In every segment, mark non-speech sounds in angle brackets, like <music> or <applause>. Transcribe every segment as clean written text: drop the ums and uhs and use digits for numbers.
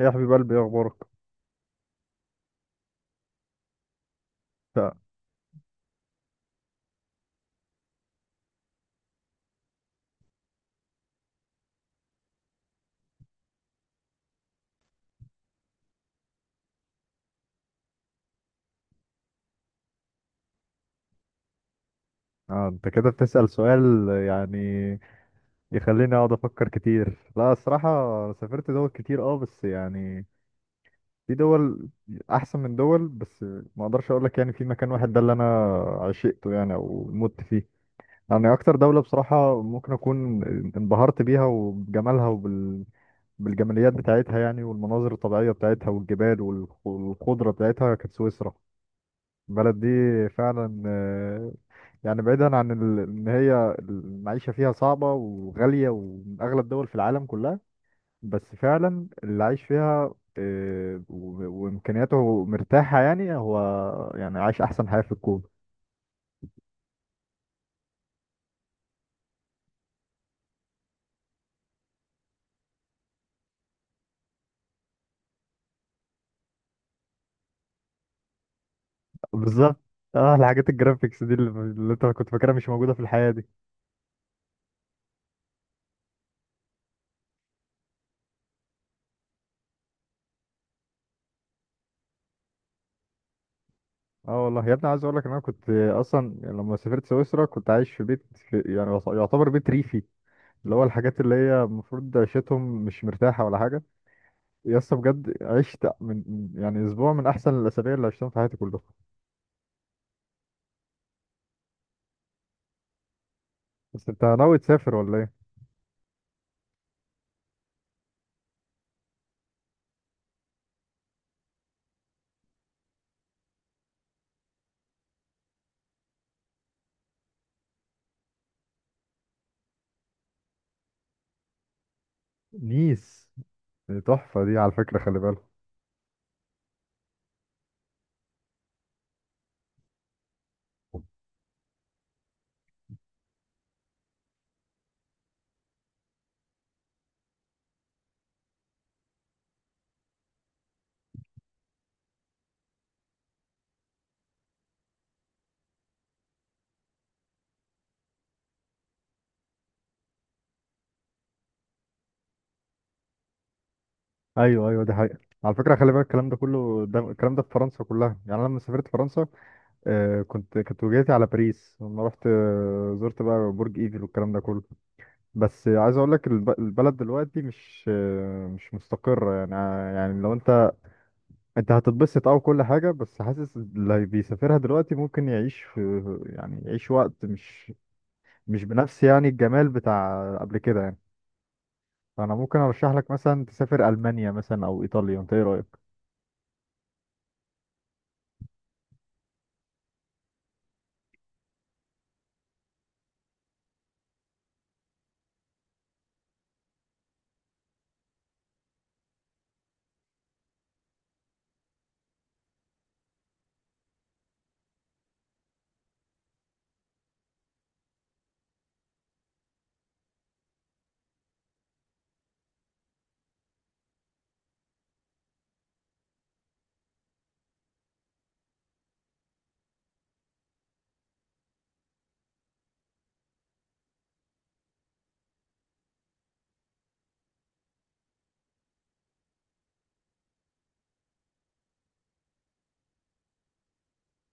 إيه يا حبيب قلبي، إيه اخبارك؟ لا، آه، انت كده بتسأل سؤال يعني يخليني اقعد افكر كتير. لا الصراحة أنا سافرت دول كتير اه بس يعني في دول احسن من دول. بس ما اقدرش اقول لك يعني في مكان واحد ده اللي انا عشقته يعني او مت فيه. يعني اكتر دولة بصراحة ممكن اكون انبهرت بيها وبجمالها بالجماليات بتاعتها يعني، والمناظر الطبيعية بتاعتها والجبال والخضرة بتاعتها، كانت سويسرا البلد دي فعلا. يعني بعيدا عن ان هي المعيشة فيها صعبة وغالية ومن اغلى الدول في العالم كلها، بس فعلا اللي عايش فيها آه، وامكانياته مرتاحة يعني هو يعني عايش احسن حياة في الكون. بالظبط، اه الحاجات الجرافيكس دي اللي انت كنت فاكرها مش موجودة في الحياة دي. اه والله يا ابني، عايز اقول لك ان انا كنت اصلا يعني لما سافرت سويسرا كنت عايش في بيت، في يعني يعتبر بيت ريفي، اللي هو الحاجات اللي هي المفروض عيشتهم مش مرتاحة ولا حاجة. يا اسطى بجد عشت يعني اسبوع من احسن الاسابيع اللي عشتهم في حياتي كلها. بس انت ناوي تسافر ولا ايه؟ نيس دي تحفه، دي على فكره خلي بالك. ايوه ايوه دي حقيقه. على فكره خلي بالك الكلام ده كله، ده الكلام ده في فرنسا كلها. يعني انا لما سافرت فرنسا، آه كنت كانت وجهتي على باريس، لما رحت آه زرت بقى برج ايفل والكلام ده كله. بس عايز اقول لك البلد دلوقتي مش آه مش مستقره. يعني آه يعني لو انت انت هتتبسط او كل حاجة، بس حاسس اللي بيسافرها دلوقتي ممكن يعيش في يعني يعيش وقت مش بنفس يعني الجمال بتاع قبل كده يعني. فانا ممكن ارشح لك مثلا تسافر المانيا مثلا او ايطاليا، انت ايه رأيك؟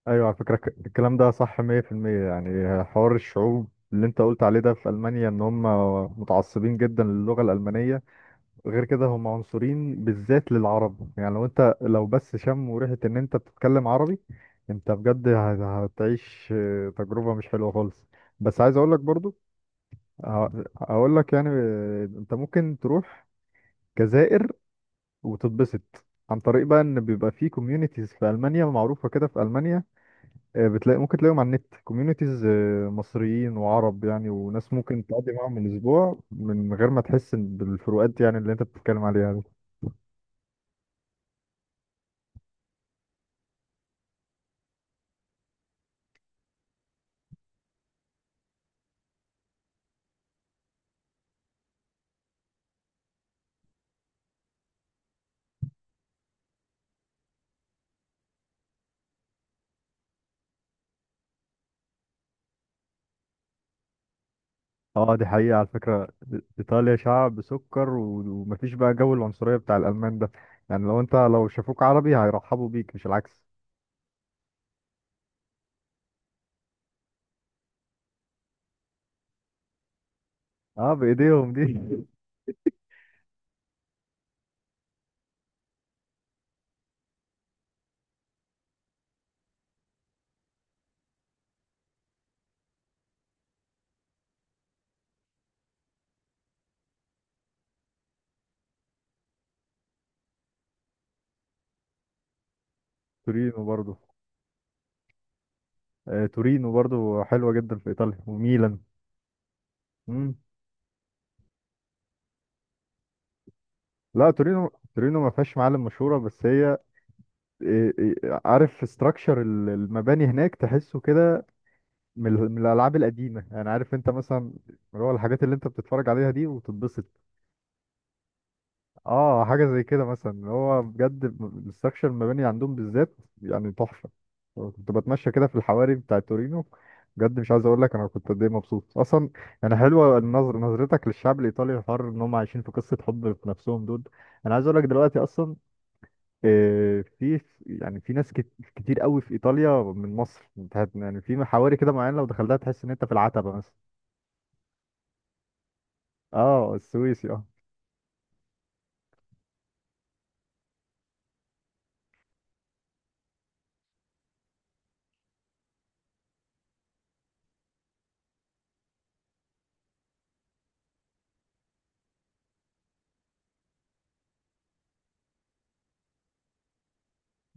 ايوه على فكرة الكلام ده صح 100% يعني حوار الشعوب اللي انت قلت عليه ده في المانيا ان هم متعصبين جدا للغة الالمانية. غير كده هم عنصرين بالذات للعرب، يعني لو انت لو بس شم وريحة ان انت بتتكلم عربي، انت بجد هتعيش آه، تجربة مش حلوة خالص. بس عايز اقولك برضو اقول لك يعني آه، انت ممكن تروح جزائر وتتبسط، عن طريق بقى ان بيبقى في كوميونيتيز في المانيا معروفة كده في المانيا، آه، بتلاقي ممكن تلاقيهم على النت كوميونيتيز مصريين وعرب، يعني وناس ممكن تقضي معاهم الاسبوع من غير ما تحس بالفروقات يعني اللي انت بتتكلم عليها دي. اه دي حقيقة على فكرة. إيطاليا شعب سكر، ومفيش بقى جو العنصرية بتاع الألمان ده. يعني لو أنت لو شافوك عربي هيرحبوا بيك مش العكس. اه بإيديهم دي <laughs> تورينو برضو. آه تورينو برضو حلوة جدا في إيطاليا وميلان. مم. لا تورينو ما فيهاش معالم مشهورة، بس هي إيه- إيه، عارف ستراكشر المباني هناك تحسه كده من من الألعاب القديمة، يعني عارف أنت مثلا اللي هو الحاجات اللي أنت بتتفرج عليها دي وتتبسط. اه حاجه زي كده مثلا، هو بجد الاستراكشر المباني عندهم بالذات يعني تحفه. كنت بتمشى كده في الحواري بتاع تورينو، بجد مش عايز اقول لك انا كنت قد ايه مبسوط اصلا. يعني حلوه النظر، نظرتك للشعب الايطالي الحر ان هم عايشين في قصه حب في نفسهم دول. انا عايز اقول لك دلوقتي اصلا آه، في يعني في ناس كتير قوي في ايطاليا من مصر. انت يعني في حواري كده معينه لو دخلتها تحس ان انت في العتبه مثلا. اه السويسي اه.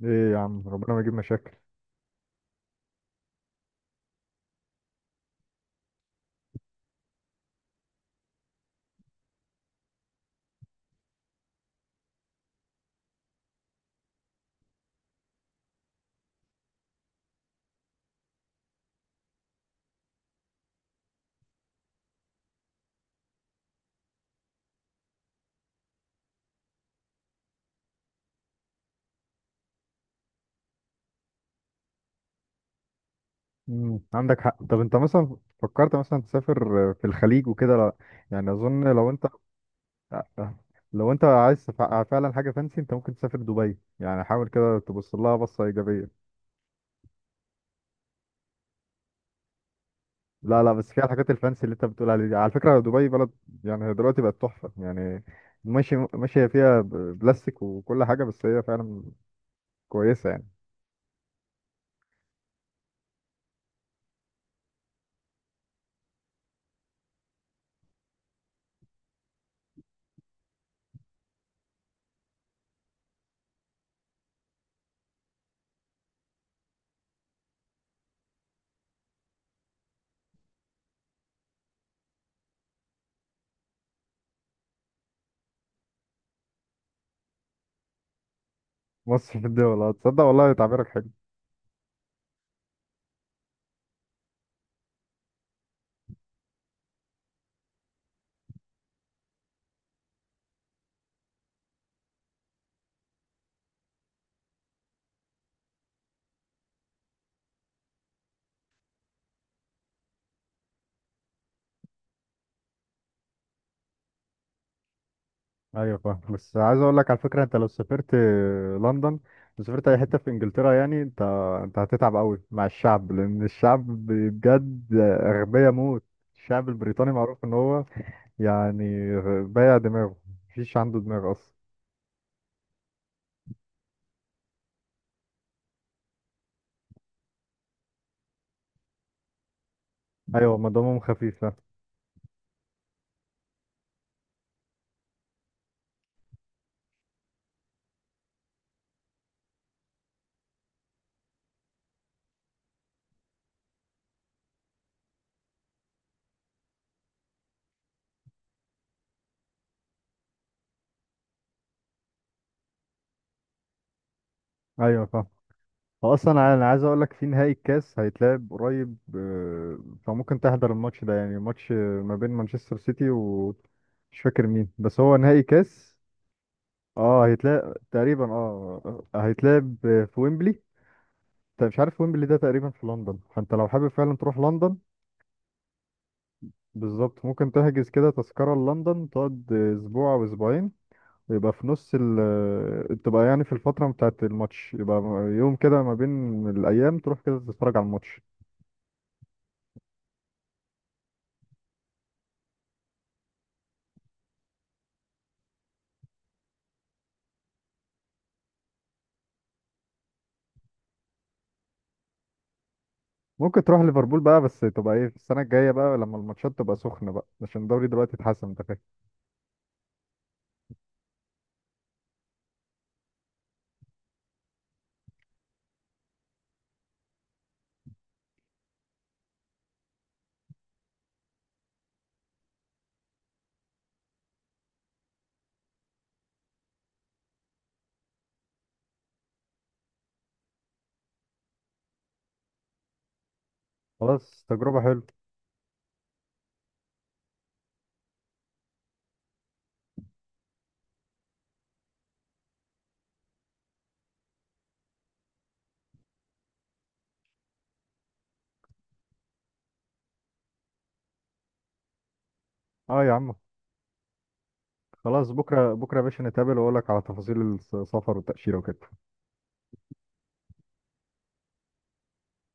ايه يا عم، ربنا ما يجيب مشاكل. مم. عندك حق. طب انت مثلا فكرت مثلا تسافر في الخليج وكده؟ لا يعني اظن لو انت لو انت عايز فعلا حاجه فانسي، انت ممكن تسافر دبي، يعني حاول كده تبص لها بصه ايجابيه. لا لا، بس فيها الحاجات الفانسي اللي انت بتقول عليها دي، على فكره دبي بلد، يعني هي دلوقتي بقت تحفه. يعني ماشي ماشيه فيها بلاستيك وكل حاجه، بس هي فعلا كويسه يعني. مصر في الدول، هتصدق والله تعبيرك حلو. ايوه فاهم، بس عايز اقول لك على فكره انت لو سافرت لندن، لو سافرت اي حته في انجلترا، يعني انت انت هتتعب قوي مع الشعب، لان الشعب بجد اغبياء موت. الشعب البريطاني معروف ان هو يعني بايع دماغه، مفيش عنده دماغ اصلا. ايوه ما دمهم خفيف فاهم. ايوه فاهم. هو اصلا انا عايز اقول لك في نهائي الكاس هيتلعب قريب آه، فممكن تحضر الماتش ده. يعني ماتش آه، ما بين مانشستر سيتي و مش فاكر مين، بس هو نهائي كاس. اه هيتلعب تقريبا، اه هيتلعب في ويمبلي. انت مش عارف ويمبلي ده تقريبا في لندن، فانت لو حابب فعلا تروح لندن بالظبط ممكن تحجز كده تذكرة لندن، تقعد اسبوع او اسبوعين، ويبقى في نص ال آه، تبقى يعني في الفترة بتاعت الماتش، يبقى يوم كده ما بين الأيام تروح كده تتفرج على الماتش. ممكن تروح ليفربول بقى، بس تبقى ايه في السنة الجاية بقى لما الماتشات تبقى سخنة بقى، عشان الدوري دلوقتي اتحسن، انت فاهم. خلاص تجربة حلوة. اه يا عم. خلاص بكره بكره يا باشا نتقابل واقول لك على تفاصيل السفر والتاشيره وكده.